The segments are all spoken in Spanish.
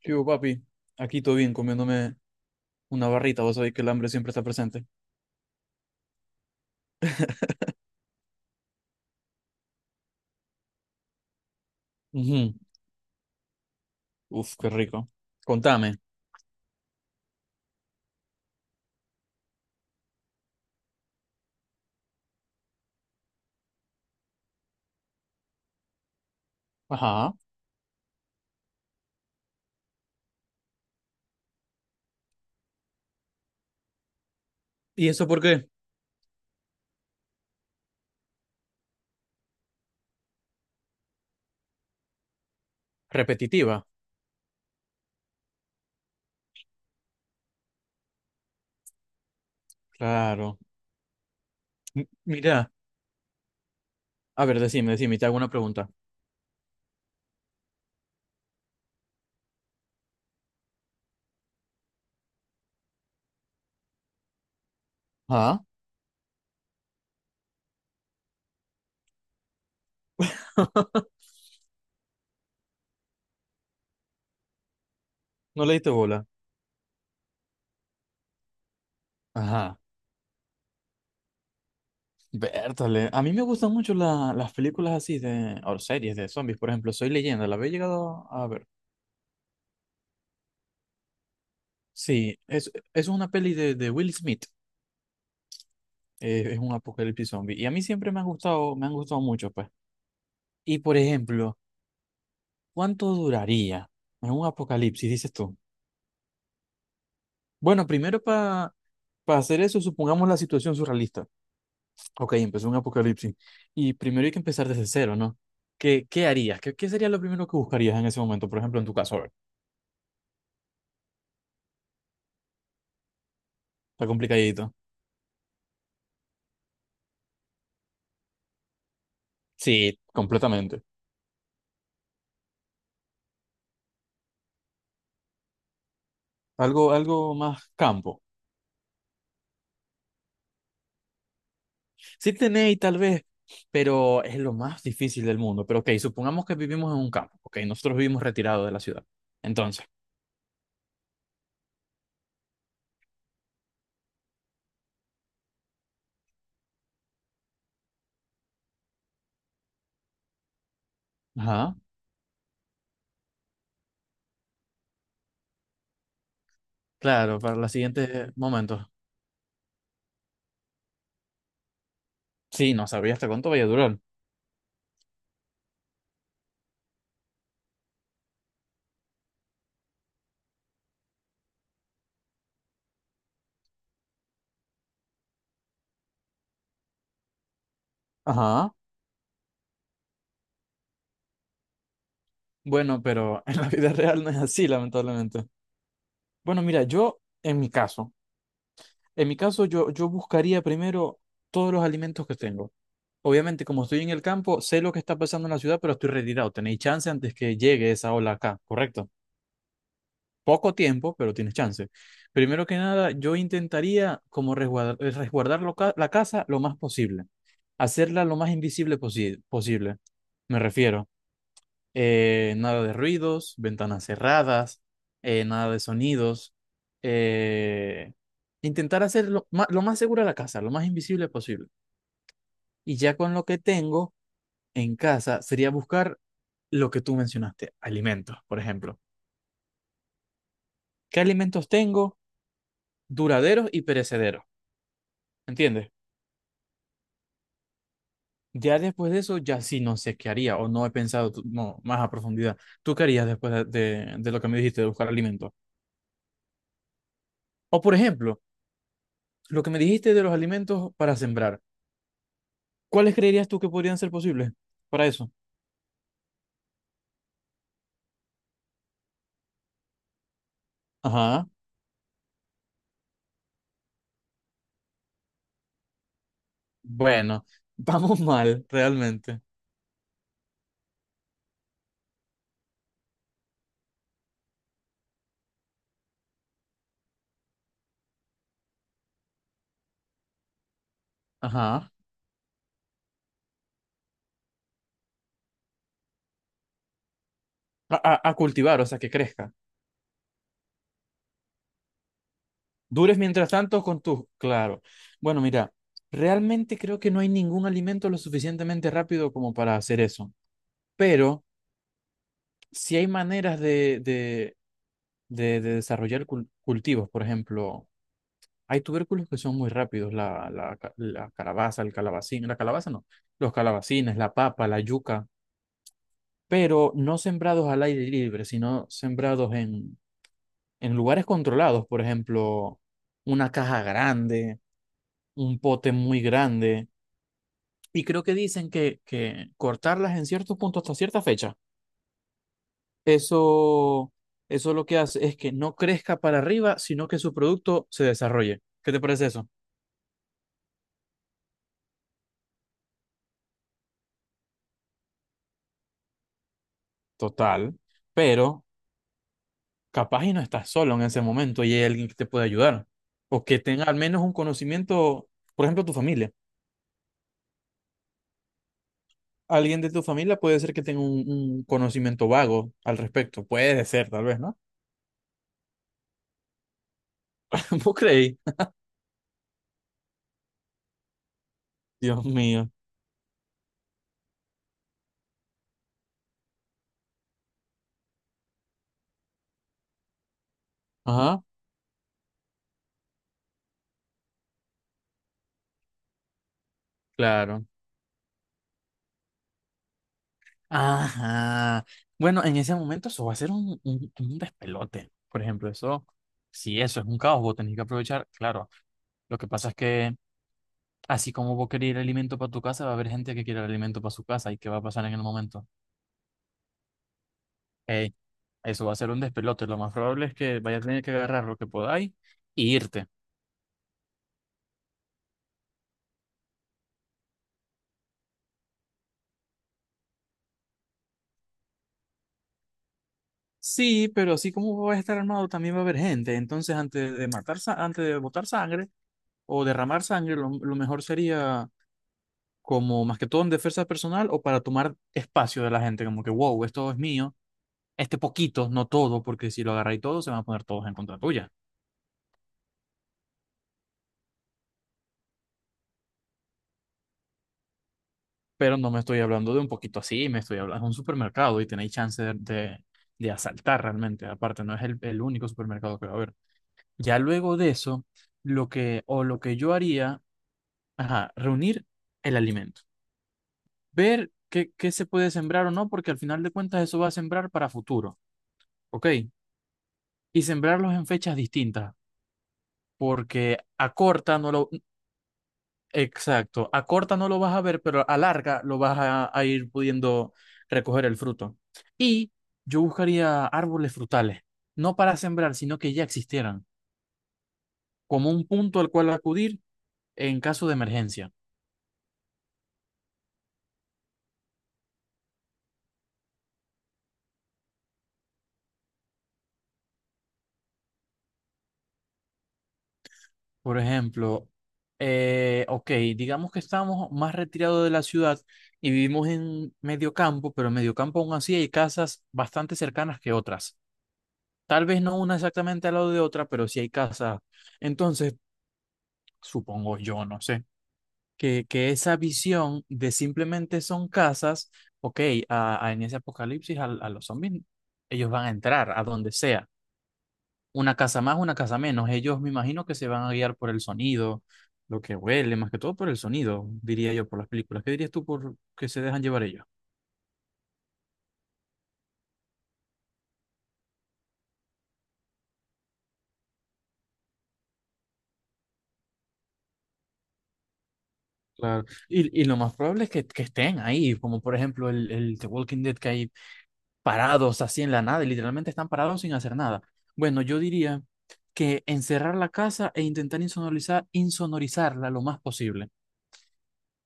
Yo, papi, aquí todo bien, comiéndome una barrita, vos sabéis que el hambre siempre está presente. Ujú. Uf, qué rico. Contame. Ajá. ¿Y eso por qué? Repetitiva. Claro. Mira, a ver, decime, decime, te hago una pregunta. Ajá. ¿No le diste bola? Ajá. Bertale. A mí me gustan mucho las películas así de, o series de zombies, por ejemplo, Soy Leyenda, la había llegado a ver. Sí, es una peli de Will Smith, es un apocalipsis zombie, y a mí siempre me han gustado mucho, pues. Y por ejemplo, ¿cuánto duraría en un apocalipsis, dices tú? Bueno, primero para hacer eso, supongamos la situación surrealista. Ok, empezó un apocalipsis. Y primero hay que empezar desde cero, ¿no? ¿Qué, qué harías? ¿Qué, qué sería lo primero que buscarías en ese momento? Por ejemplo, en tu caso, a ver, está complicadito. Sí, completamente. Algo, algo más campo. Sí tenéis tal vez, pero es lo más difícil del mundo. Pero ok, supongamos que vivimos en un campo. Ok, nosotros vivimos retirados de la ciudad. Entonces, ajá. Claro, para los siguientes momentos. Sí, no sabía hasta cuánto vaya a durar. Ajá. Bueno, pero en la vida real no es así, lamentablemente. Bueno, mira, yo, en mi caso yo, yo buscaría primero todos los alimentos que tengo. Obviamente, como estoy en el campo, sé lo que está pasando en la ciudad, pero estoy retirado. Tenéis chance antes que llegue esa ola acá, ¿correcto? Poco tiempo, pero tienes chance. Primero que nada, yo intentaría como resguardar, resguardar la casa lo más posible, hacerla lo más posible. Me refiero, nada de ruidos, ventanas cerradas, nada de sonidos. eh, Intentar hacer lo más segura la casa, lo más invisible posible. Y ya con lo que tengo en casa sería buscar lo que tú mencionaste, alimentos, por ejemplo. ¿Qué alimentos tengo? Duraderos y perecederos. ¿Entiendes? Ya después de eso, ya sí no sé qué haría o no he pensado no, más a profundidad. ¿Tú qué harías después de, de lo que me dijiste de buscar alimentos? O por ejemplo, lo que me dijiste de los alimentos para sembrar. ¿Cuáles creerías tú que podrían ser posibles para eso? Ajá. Bueno, vamos mal, realmente. Ajá. A, a cultivar, o sea, que crezca. Dures mientras tanto con tus... Claro. Bueno, mira, realmente creo que no hay ningún alimento lo suficientemente rápido como para hacer eso. Pero... si hay maneras de desarrollar cultivos, por ejemplo, hay tubérculos que son muy rápidos, la, la calabaza, el calabacín, la calabaza no, los calabacines, la papa, la yuca, pero no sembrados al aire libre, sino sembrados en lugares controlados, por ejemplo, una caja grande, un pote muy grande, y creo que dicen que cortarlas en ciertos puntos hasta cierta fecha. Eso, eso lo que hace es que no crezca para arriba, sino que su producto se desarrolle. ¿Qué te parece eso? Total, pero capaz y no estás solo en ese momento y hay alguien que te puede ayudar o que tenga al menos un conocimiento, por ejemplo, tu familia. Alguien de tu familia puede ser que tenga un conocimiento vago al respecto. Puede ser, tal vez, ¿no? ¿Vos creí? Dios mío. Ajá, claro. Ajá. Bueno, en ese momento eso va a ser un despelote. Por ejemplo, eso, si eso es un caos, vos tenés que aprovechar. Claro, lo que pasa es que así como vos querés el alimento para tu casa, va a haber gente que quiera el alimento para su casa. ¿Y qué va a pasar en el momento? Ey, eso va a ser un despelote. Lo más probable es que vayas a tener que agarrar lo que podáis y irte. Sí, pero así como vos vas a estar armado, también va a haber gente. Entonces, antes de matar, antes de botar sangre o derramar sangre, lo mejor sería como más que todo en defensa personal o para tomar espacio de la gente, como que, wow, esto es mío, este poquito, no todo, porque si lo agarráis todo, se van a poner todos en contra tuya. Pero no me estoy hablando de un poquito así, me estoy hablando de un supermercado y tenéis chance de asaltar realmente. Aparte, no es el único supermercado que va a haber. Ya luego de eso, lo que, o lo que yo haría, ajá, reunir el alimento, ver qué, qué se puede sembrar o no, porque al final de cuentas eso va a sembrar para futuro, ¿ok? Y sembrarlos en fechas distintas porque a corta no lo, exacto, a corta no lo vas a ver, pero a larga lo vas a ir pudiendo recoger el fruto. Y yo buscaría árboles frutales, no para sembrar, sino que ya existieran, como un punto al cual acudir en caso de emergencia. Por ejemplo, ok, digamos que estamos más retirados de la ciudad y vivimos en medio campo, pero en medio campo aún así hay casas bastante cercanas que otras. Tal vez no una exactamente al lado de otra, pero sí hay casas. Entonces, supongo yo, no sé, que esa visión de simplemente son casas, ok, a, en ese apocalipsis a los zombies, ellos van a entrar a donde sea. Una casa más, una casa menos. Ellos me imagino que se van a guiar por el sonido, lo que huele, más que todo por el sonido, diría yo, por las películas. ¿Qué dirías tú por que se dejan llevar ellos? Claro. Y lo más probable es que estén ahí, como por ejemplo el The Walking Dead, que hay parados así en la nada, y literalmente están parados sin hacer nada. Bueno, yo diría que encerrar la casa e intentar insonorizar, insonorizarla lo más posible.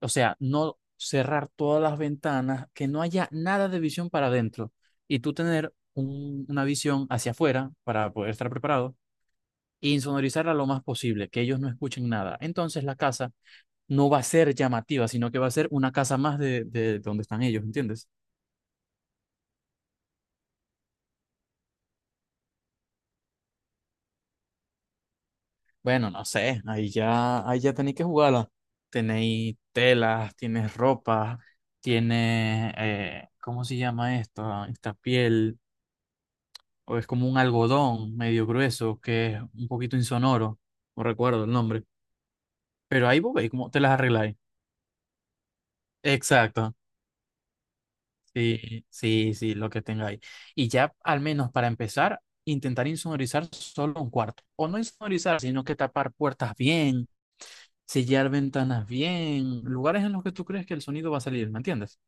O sea, no cerrar todas las ventanas, que no haya nada de visión para adentro y tú tener una visión hacia afuera para poder estar preparado e insonorizarla lo más posible, que ellos no escuchen nada. Entonces la casa no va a ser llamativa, sino que va a ser una casa más de donde están ellos, ¿entiendes? Bueno, no sé, ahí ya tenéis que jugarla. Tenéis telas, tienes ropa, tienes, ¿cómo se llama esto? Esta piel, o es como un algodón medio grueso que es un poquito insonoro, no recuerdo el nombre, pero ahí vos veis cómo te las arregláis. Exacto, sí, sí, sí, lo que tenga ahí. Y ya, al menos para empezar, intentar insonorizar solo un cuarto. O no insonorizar, sino que tapar puertas bien, sellar ventanas bien, lugares en los que tú crees que el sonido va a salir, ¿me entiendes?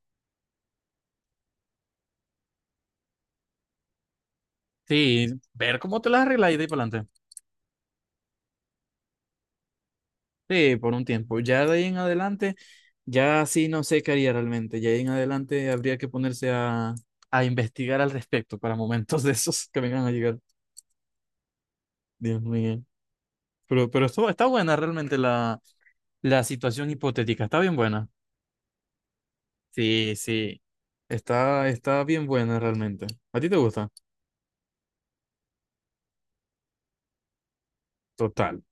Sí, ver cómo te las arreglas y de ahí para adelante. Sí, por un tiempo. Ya de ahí en adelante, ya sí no sé qué haría realmente. Ya de ahí en adelante habría que ponerse a investigar al respecto para momentos de esos que vengan a llegar. Dios mío. Pero esto, está buena realmente la... La situación hipotética está bien buena. Sí, sí. Está, está bien buena realmente. ¿A ti te gusta? Total.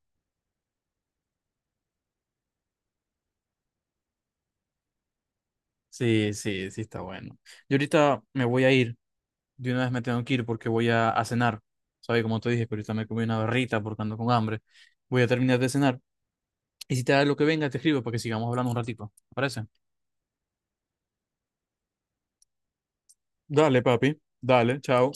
Sí, sí, sí, está bueno. Yo ahorita me voy a ir. De una vez me tengo que ir porque voy a cenar. ¿Sabes? Como te dije, que ahorita me comí una barrita porque ando con hambre. Voy a terminar de cenar. Y si te da lo que venga, te escribo para que sigamos hablando un ratito. ¿Te parece? Dale, papi. Dale, chao.